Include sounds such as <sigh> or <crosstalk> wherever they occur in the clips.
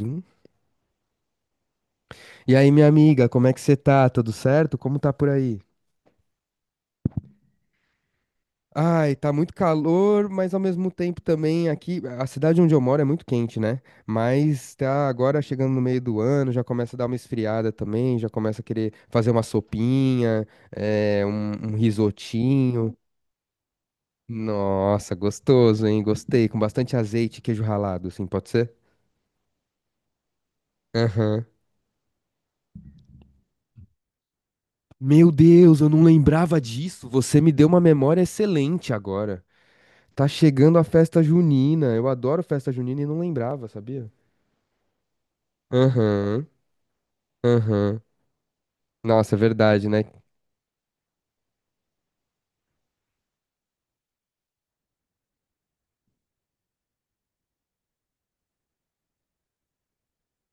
Zoom. E aí, minha amiga, como é que você tá? Tudo certo? Como tá por aí? Ai, tá muito calor, mas ao mesmo tempo também aqui, a cidade onde eu moro é muito quente, né? Mas tá agora chegando no meio do ano, já começa a dar uma esfriada também, já começa a querer fazer uma sopinha, um risotinho. Nossa, gostoso, hein? Gostei, com bastante azeite e queijo ralado, assim, pode ser? Aham. Meu Deus, eu não lembrava disso. Você me deu uma memória excelente agora. Tá chegando a festa junina. Eu adoro festa junina e não lembrava, sabia? Aham, aham. Nossa, é verdade, né?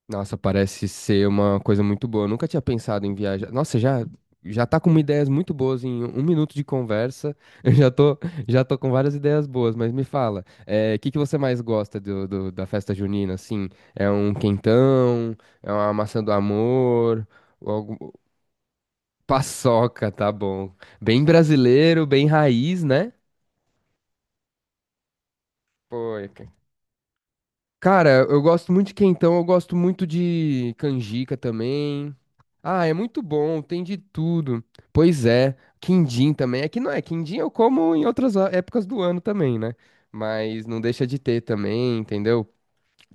Nossa, parece ser uma coisa muito boa. Eu nunca tinha pensado em viajar. Nossa, já tá com ideias muito boas em um minuto de conversa. <laughs> Eu já tô com várias ideias boas, mas me fala, o que que você mais gosta da festa junina? Assim, é um quentão, é uma maçã do amor, ou algum... paçoca, tá bom? Bem brasileiro, bem raiz, né? Foi, cara. Cara, eu gosto muito de quentão, eu gosto muito de canjica também. Ah, é muito bom, tem de tudo. Pois é, quindim também. É que não é, quindim eu como em outras épocas do ano também, né? Mas não deixa de ter também, entendeu?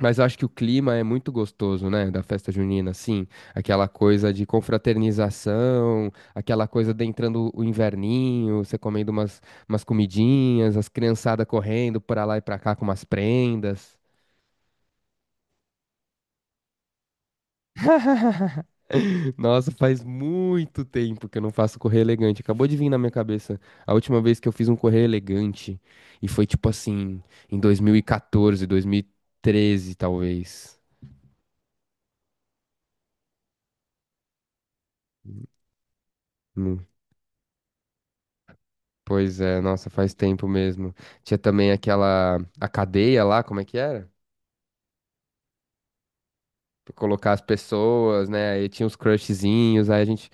Mas eu acho que o clima é muito gostoso, né? Da festa junina, assim. Aquela coisa de confraternização, aquela coisa de entrando o inverninho, você comendo umas, umas comidinhas, as criançadas correndo pra lá e pra cá com umas prendas. Nossa, faz muito tempo que eu não faço correr elegante. Acabou de vir na minha cabeça a última vez que eu fiz um correr elegante. E foi tipo assim, em 2014, 2013, talvez. Hum, Pois é, nossa, faz tempo mesmo. Tinha também aquela, a cadeia lá, como é que era? Pra colocar as pessoas, né? Aí tinha os crushzinhos, aí a gente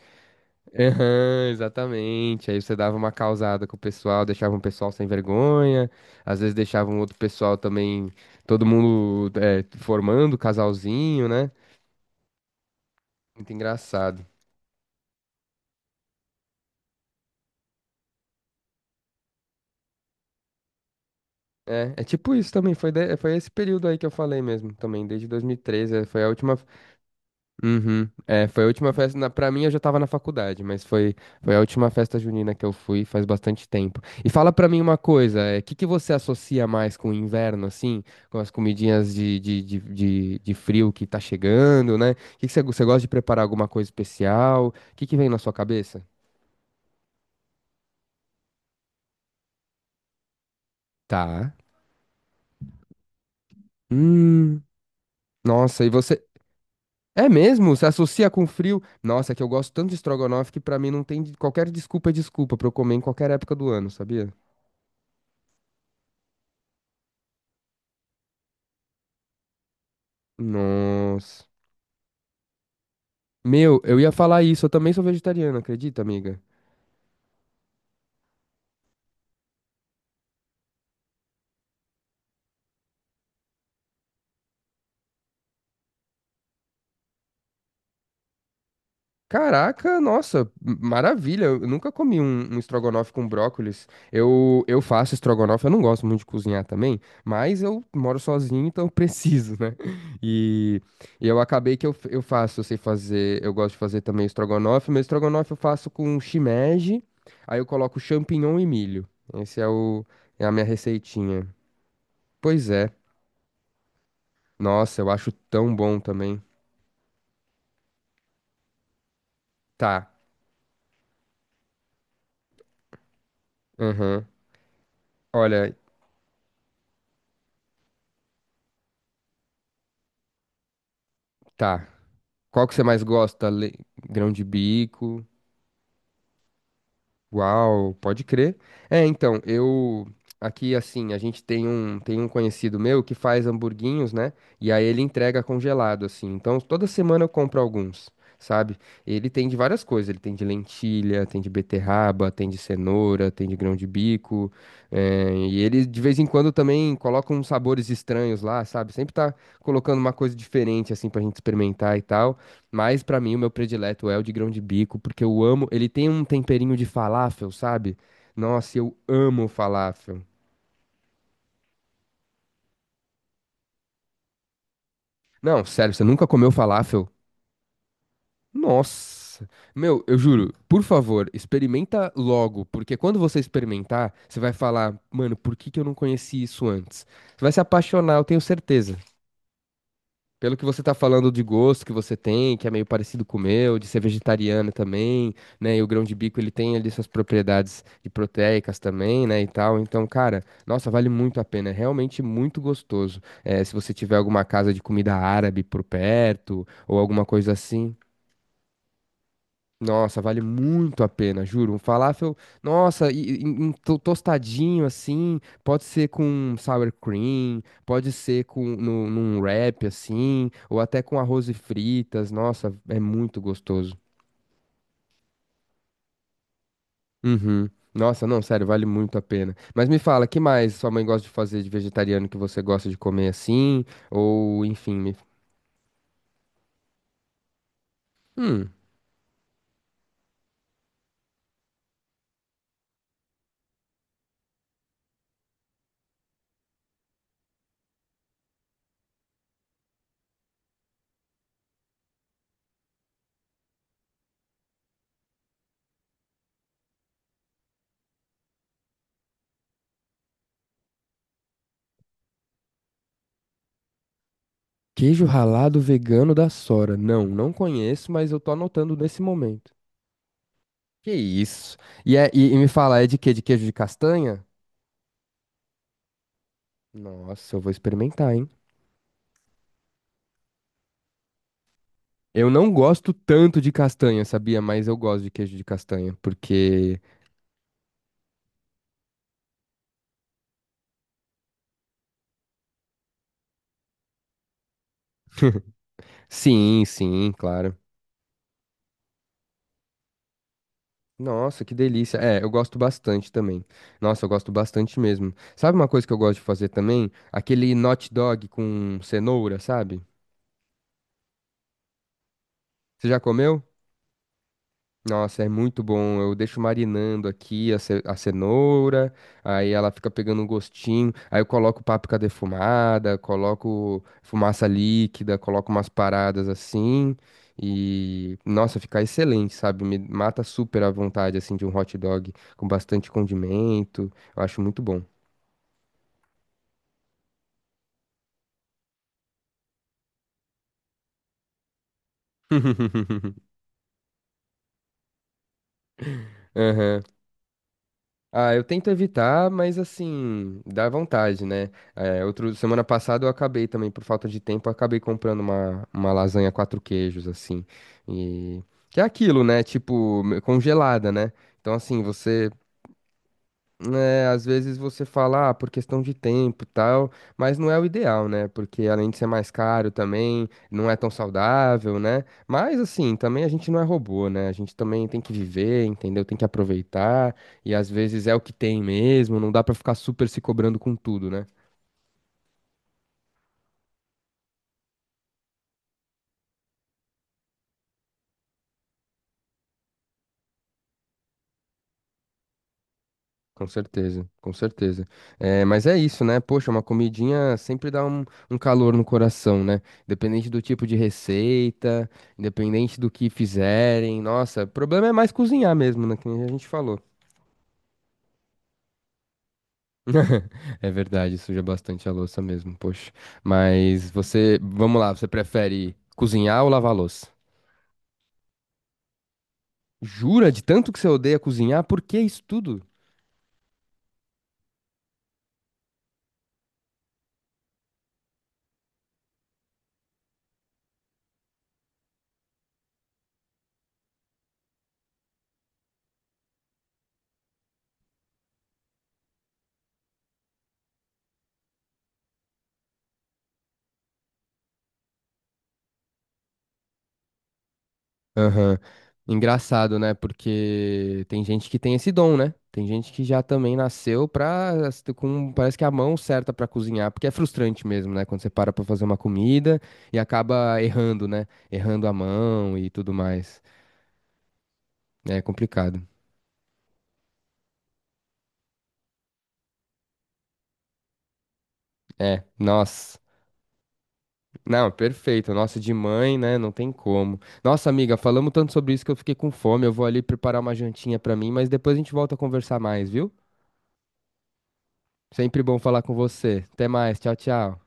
aham, exatamente. Aí você dava uma causada com o pessoal, deixava um pessoal sem vergonha, às vezes deixava um outro pessoal também, todo mundo formando casalzinho, né? Muito engraçado. É, é tipo isso também, foi, foi esse período aí que eu falei mesmo, também, desde 2013, é, foi a última uhum. É, foi a última festa, na, pra mim eu já tava na faculdade, mas foi, foi a última festa junina que eu fui faz bastante tempo. E fala pra mim uma coisa, o que que você associa mais com o inverno, assim, com as comidinhas de frio que tá chegando, né? Você gosta de preparar alguma coisa especial? O que que vem na sua cabeça? Tá. Hum, nossa, e você... É mesmo? Você associa com frio? Nossa, é que eu gosto tanto de estrogonofe que pra mim não tem qualquer desculpa é desculpa pra eu comer em qualquer época do ano, sabia? Nossa. Meu, eu ia falar isso. Eu também sou vegetariano, acredita, amiga? Caraca, nossa, maravilha. Eu nunca comi um estrogonofe com brócolis. Eu faço estrogonofe, eu não gosto muito de cozinhar também, mas eu moro sozinho, então eu preciso, né? <laughs> E, e eu acabei que eu, eu faço, eu sei fazer, eu gosto de fazer também estrogonofe. Meu estrogonofe eu faço com shimeji, aí eu coloco champignon e milho. Esse é o, é a minha receitinha. Pois é. Nossa, eu acho tão bom também. Tá. Aham. Olha, tá. Qual que você mais gosta? Grão de bico. Uau, pode crer. É, então, eu aqui assim, a gente tem tem um conhecido meu que faz hamburguinhos, né? E aí ele entrega congelado assim. Então, toda semana eu compro alguns, sabe? Ele tem de várias coisas, ele tem de lentilha, tem de beterraba, tem de cenoura, tem de grão de bico. E ele de vez em quando também coloca uns sabores estranhos lá, sabe? Sempre tá colocando uma coisa diferente assim pra gente experimentar e tal. Mas pra mim o meu predileto é o de grão de bico, porque eu amo, ele tem um temperinho de falafel, sabe? Nossa, eu amo falafel. Não, sério, você nunca comeu falafel? Nossa. Meu, eu juro, por favor, experimenta logo, porque quando você experimentar, você vai falar, mano, por que que eu não conheci isso antes? Você vai se apaixonar, eu tenho certeza. Pelo que você tá falando de gosto que você tem, que é meio parecido com o meu, de ser vegetariana também, né? E o grão de bico, ele tem ali suas propriedades de proteicas também, né? E tal. Então, cara, nossa, vale muito a pena. É realmente muito gostoso. É, se você tiver alguma casa de comida árabe por perto, ou alguma coisa assim. Nossa, vale muito a pena, juro. Um falafel, nossa, e um tostadinho assim, pode ser com sour cream, pode ser com no, num wrap assim, ou até com arroz e fritas. Nossa, é muito gostoso. Uhum. Nossa, não, sério, vale muito a pena. Mas me fala, que mais sua mãe gosta de fazer de vegetariano que você gosta de comer assim? Ou, enfim, me... Hum, queijo ralado vegano da Sora. Não, não conheço, mas eu tô anotando nesse momento. Que isso? E me fala, é de quê? De queijo de castanha? Nossa, eu vou experimentar, hein? Eu não gosto tanto de castanha, sabia? Mas eu gosto de queijo de castanha, porque... Sim, sim, claro. Nossa, que delícia. É, eu gosto bastante também. Nossa, eu gosto bastante mesmo. Sabe uma coisa que eu gosto de fazer também? Aquele hot dog com cenoura, sabe? Você já comeu? Nossa, é muito bom. Eu deixo marinando aqui a cenoura, aí ela fica pegando um gostinho. Aí eu coloco páprica defumada, coloco fumaça líquida, coloco umas paradas assim. E, nossa, fica excelente, sabe? Me mata super a vontade, assim, de um hot dog com bastante condimento. Eu acho muito bom. <laughs> Aham. Ah, eu tento evitar, mas assim, dá vontade, né? É, outro, semana passada eu acabei também, por falta de tempo, eu acabei comprando uma lasanha quatro queijos, assim. E que é aquilo, né? Tipo, congelada, né? Então, assim, você né, às vezes você fala, ah, por questão de tempo e tal, mas não é o ideal, né? Porque além de ser mais caro também, não é tão saudável, né? Mas assim, também a gente não é robô, né? A gente também tem que viver, entendeu? Tem que aproveitar, e às vezes é o que tem mesmo, não dá pra ficar super se cobrando com tudo, né? Com certeza, com certeza. É, mas é isso, né? Poxa, uma comidinha sempre dá um, um calor no coração, né? Independente do tipo de receita, independente do que fizerem. Nossa, o problema é mais cozinhar mesmo, né? Que nem a gente falou. <laughs> É verdade, suja bastante a louça mesmo, poxa. Mas você, vamos lá, você prefere cozinhar ou lavar a louça? Jura de tanto que você odeia cozinhar? Por que isso tudo? Aham. Engraçado, né? Porque tem gente que tem esse dom, né? Tem gente que já também nasceu pra, com, parece que a mão certa pra cozinhar, porque é frustrante mesmo, né? Quando você para pra fazer uma comida e acaba errando, né? Errando a mão e tudo mais. É complicado. É, nossa. Não, perfeito. Nossa, de mãe, né? Não tem como. Nossa, amiga, falamos tanto sobre isso que eu fiquei com fome. Eu vou ali preparar uma jantinha pra mim, mas depois a gente volta a conversar mais, viu? Sempre bom falar com você. Até mais. Tchau, tchau.